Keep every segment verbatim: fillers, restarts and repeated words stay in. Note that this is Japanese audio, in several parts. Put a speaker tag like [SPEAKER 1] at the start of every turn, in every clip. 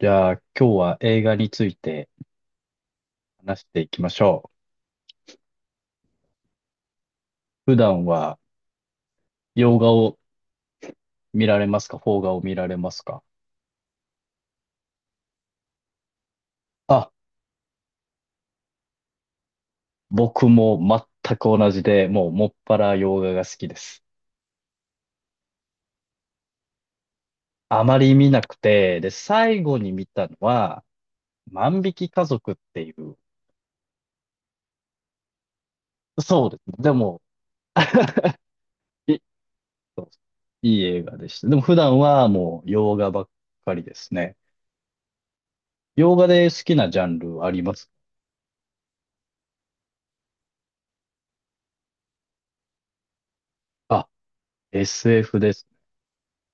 [SPEAKER 1] じゃあ今日は映画について話していきましょう。普段は洋画を見られますか？邦画を見られますか？あ、僕も全く同じで、もうもっぱら洋画が好きです。あまり見なくて、で、最後に見たのは、万引き家族っていう、そうですね。でも、いそうです。いい映画でした。でも普段はもう洋画ばっかりですね。洋画で好きなジャンルありますか？あ、エスエフ です。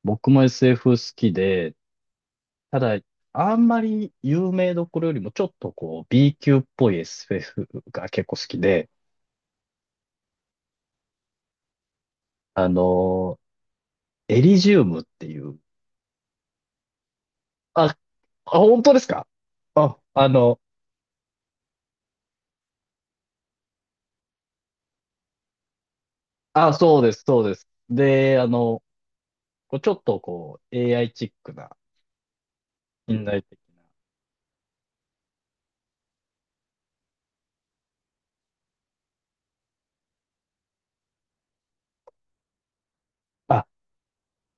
[SPEAKER 1] 僕も エスエフ 好きで、ただ、あんまり有名どころよりもちょっとこう B 級っぽい エスエフ が結構好きで、あのーエリジウムっていう、あ、あ、本当ですか？あ、あの、あ、そうです、そうです。で、あの、こうちょっとこう エーアイ チックな、近代的な。あ、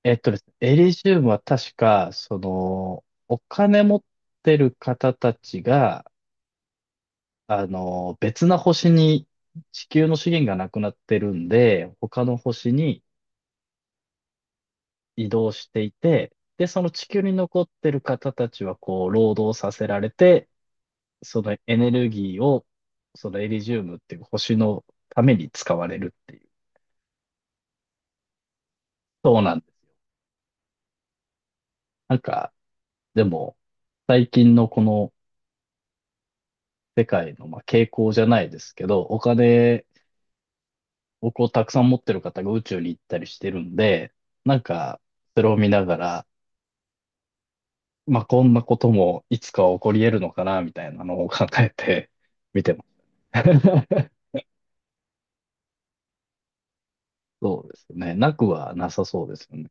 [SPEAKER 1] えっとですね、エリジウムは確か、その、お金持ってる方たちが、あの、別な星に地球の資源がなくなってるんで、他の星に移動していて、で、その地球に残ってる方たちはこう、労働させられて、そのエネルギーを、そのエリジウムっていう星のために使われるっていう。そうなんです。なんか、でも、最近のこの世界の、まあ、傾向じゃないですけど、お金をこうたくさん持ってる方が宇宙に行ったりしてるんで、なんか、それを見ながら、まあ、こんなこともいつかは起こり得るのかな、みたいなのを考えて 見てます。そうですね。なくはなさそうですよね。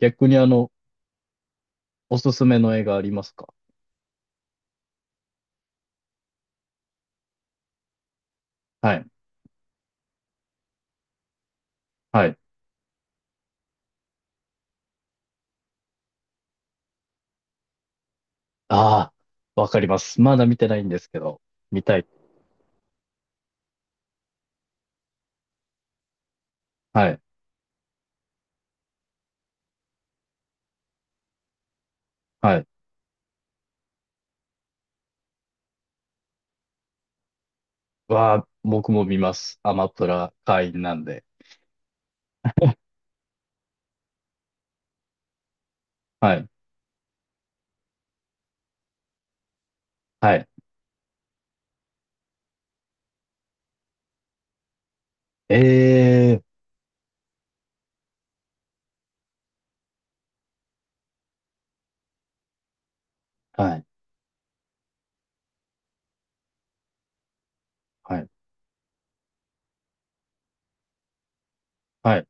[SPEAKER 1] 逆にあの、おすすめの映画ありますか？はい。はい。ああ、わかります。まだ見てないんですけど、見たい。はい。はい。わあ、僕も見ます。アマプラ会員なんで。はい。はい。ええー、はい。はい。はい。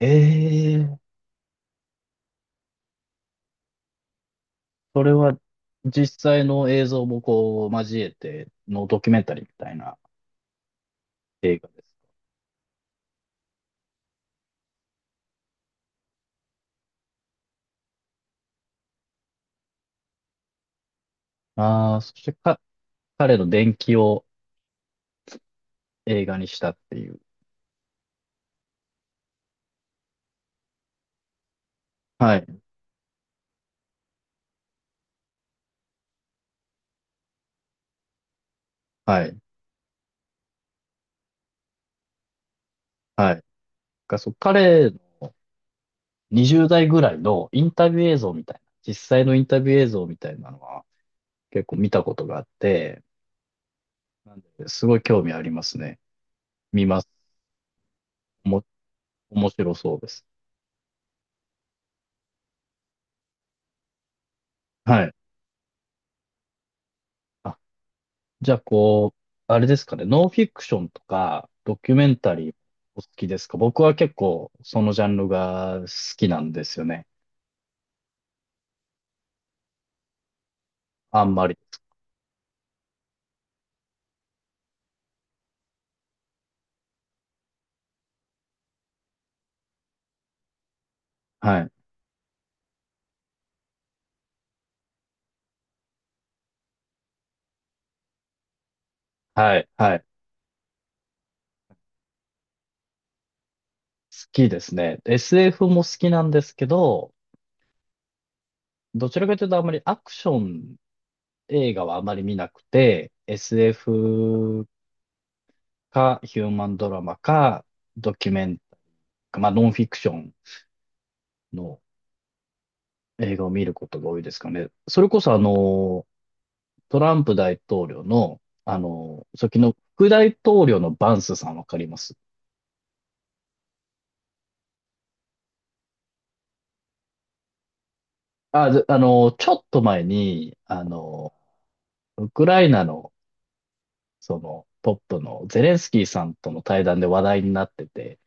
[SPEAKER 1] ええー。それは実際の映像もこう交えてのドキュメンタリーみたいな映画です。ああ、そしてか、彼の伝記を映画にしたっていう。はい、はい、はい。がそう、彼のにじゅう代ぐらいのインタビュー映像みたいな、実際のインタビュー映像みたいなのは結構見たことがあって、なんですごい興味ありますね。見ます。おも、面白そうです。はい。あじゃあ、こう、あれですかね、ノンフィクションとか、ドキュメンタリーお好きですか？僕は結構、そのジャンルが好きなんですよね。あんまり。はい。はい。はい。好きですね。エスエフ も好きなんですけど、どちらかというとあんまりアクション映画はあまり見なくて、エスエフ かヒューマンドラマか、ドキュメンタ、まあ、ノンフィクションの映画を見ることが多いですかね。それこそあの、トランプ大統領の、あの、初期の副大統領のバンスさんわかります？あ、であの、ちょっと前に、あの、ウクライナの、その、トップのゼレンスキーさんとの対談で話題になってて、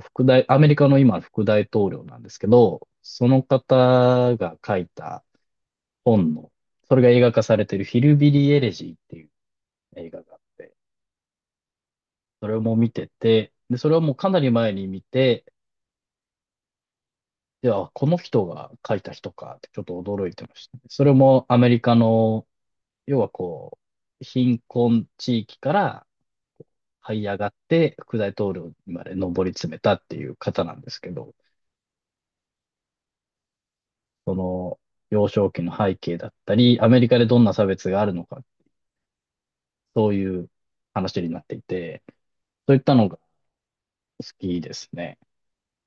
[SPEAKER 1] 副大、アメリカの今の副大統領なんですけど、その方が書いた本の、それが映画化されているヒルビリー・エレジーっていう映画があって、それも見てて、で、それをもうかなり前に見て、いや、この人が書いた人かってちょっと驚いてましたね。それもアメリカの、要はこう、貧困地域から這い上がって副大統領にまで上り詰めたっていう方なんですけど、その幼少期の背景だったり、アメリカでどんな差別があるのか、そういう話になっていて、そういったのが好きですね。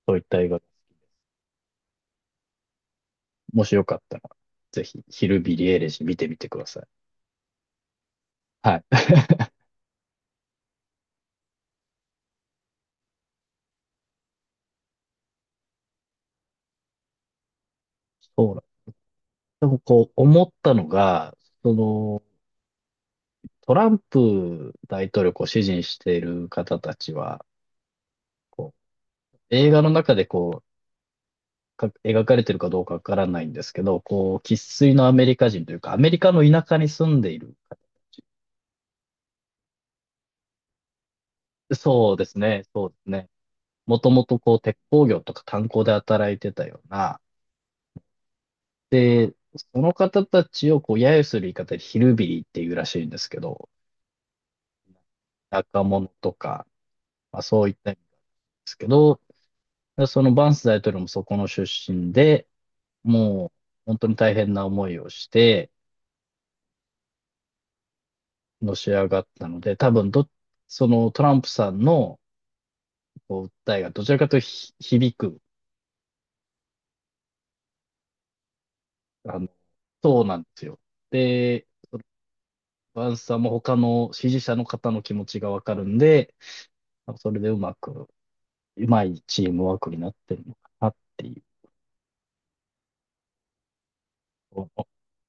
[SPEAKER 1] そういった映画。もしよかったら、ぜひ、ヒルビリーエレジー見てみてください。はい。そうでもこう思ったのが、そのトランプ大統領をこう支持している方たちは、こう映画の中でこうか描かれているかどうかわからないんですけど、こう生粋のアメリカ人というか、アメリカの田舎に住んでいる方たち。そうですね、そうですね。もともとこう鉄鋼業とか炭鉱で働いてたような、で、その方たちをこう揶揄する言い方でヒルビリーっていうらしいんですけど、若者とか、まあそういった意味なんですけど、でそのバンス大統領もそこの出身で、もう本当に大変な思いをしてのし上がったので、多分ど、そのトランプさんのこう訴えがどちらかというとひ響く、あの、そうなんですよ。で、バンスさんも他の支持者の方の気持ちがわかるんで、それでうまく、うまいチームワークになってるのかなっていう、お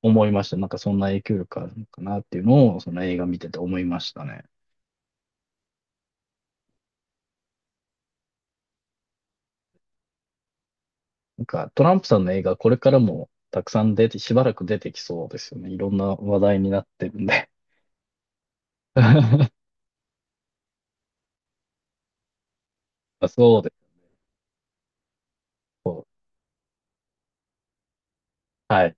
[SPEAKER 1] 思いました。なんかそんな影響力あるのかなっていうのを、その映画見てて思いましたね。なんか、トランプさんの映画、これからもたくさん出て、しばらく出てきそうですよね。いろんな話題になってるんで。まあ、そうです。そう。はい。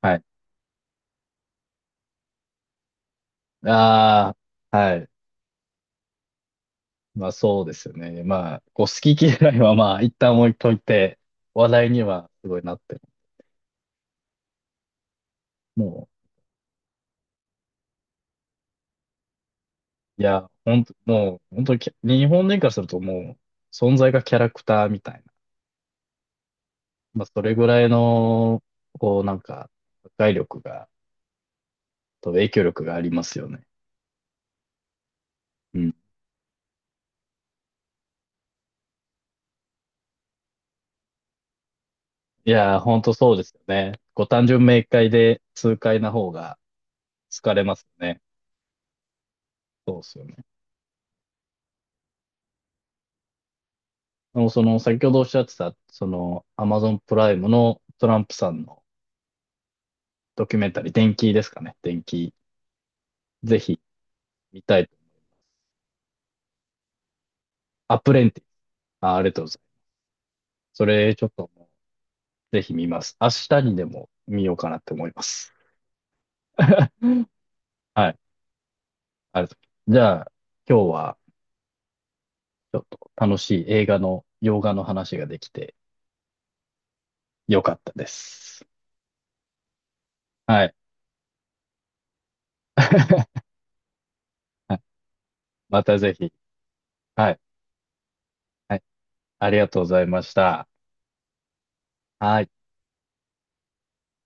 [SPEAKER 1] はい。ああ、はい。まあ、そうですよね。まあ、こう、好き嫌いはまあ、一旦置いといて、話題にはすごいなってる。もう、いや、本当もう、本当にき、日本人からするともう、存在がキャラクターみたいな。まあ、それぐらいの、こう、なんか、破壊力が、と影響力がありますよね。うん。いやー、ほんとそうですよね。ご単純明快で痛快な方が疲れますよね。そうですよね。でもその、先ほどおっしゃってた、その、アマゾンプライムのトランプさんのドキュメンタリー、電気ですかね。電気、ぜひ見たいと。アプレンティス。あ、ありがとうございます。それ、ちょっともう、ぜひ見ます。明日にでも見ようかなって思います。はい、ありがとうございます。じゃあ、今日は、ちょっと楽しい映画の、洋画の話ができてよかったです。はい。はい。またぜひ。はい。はい。ありがとうございました。はい。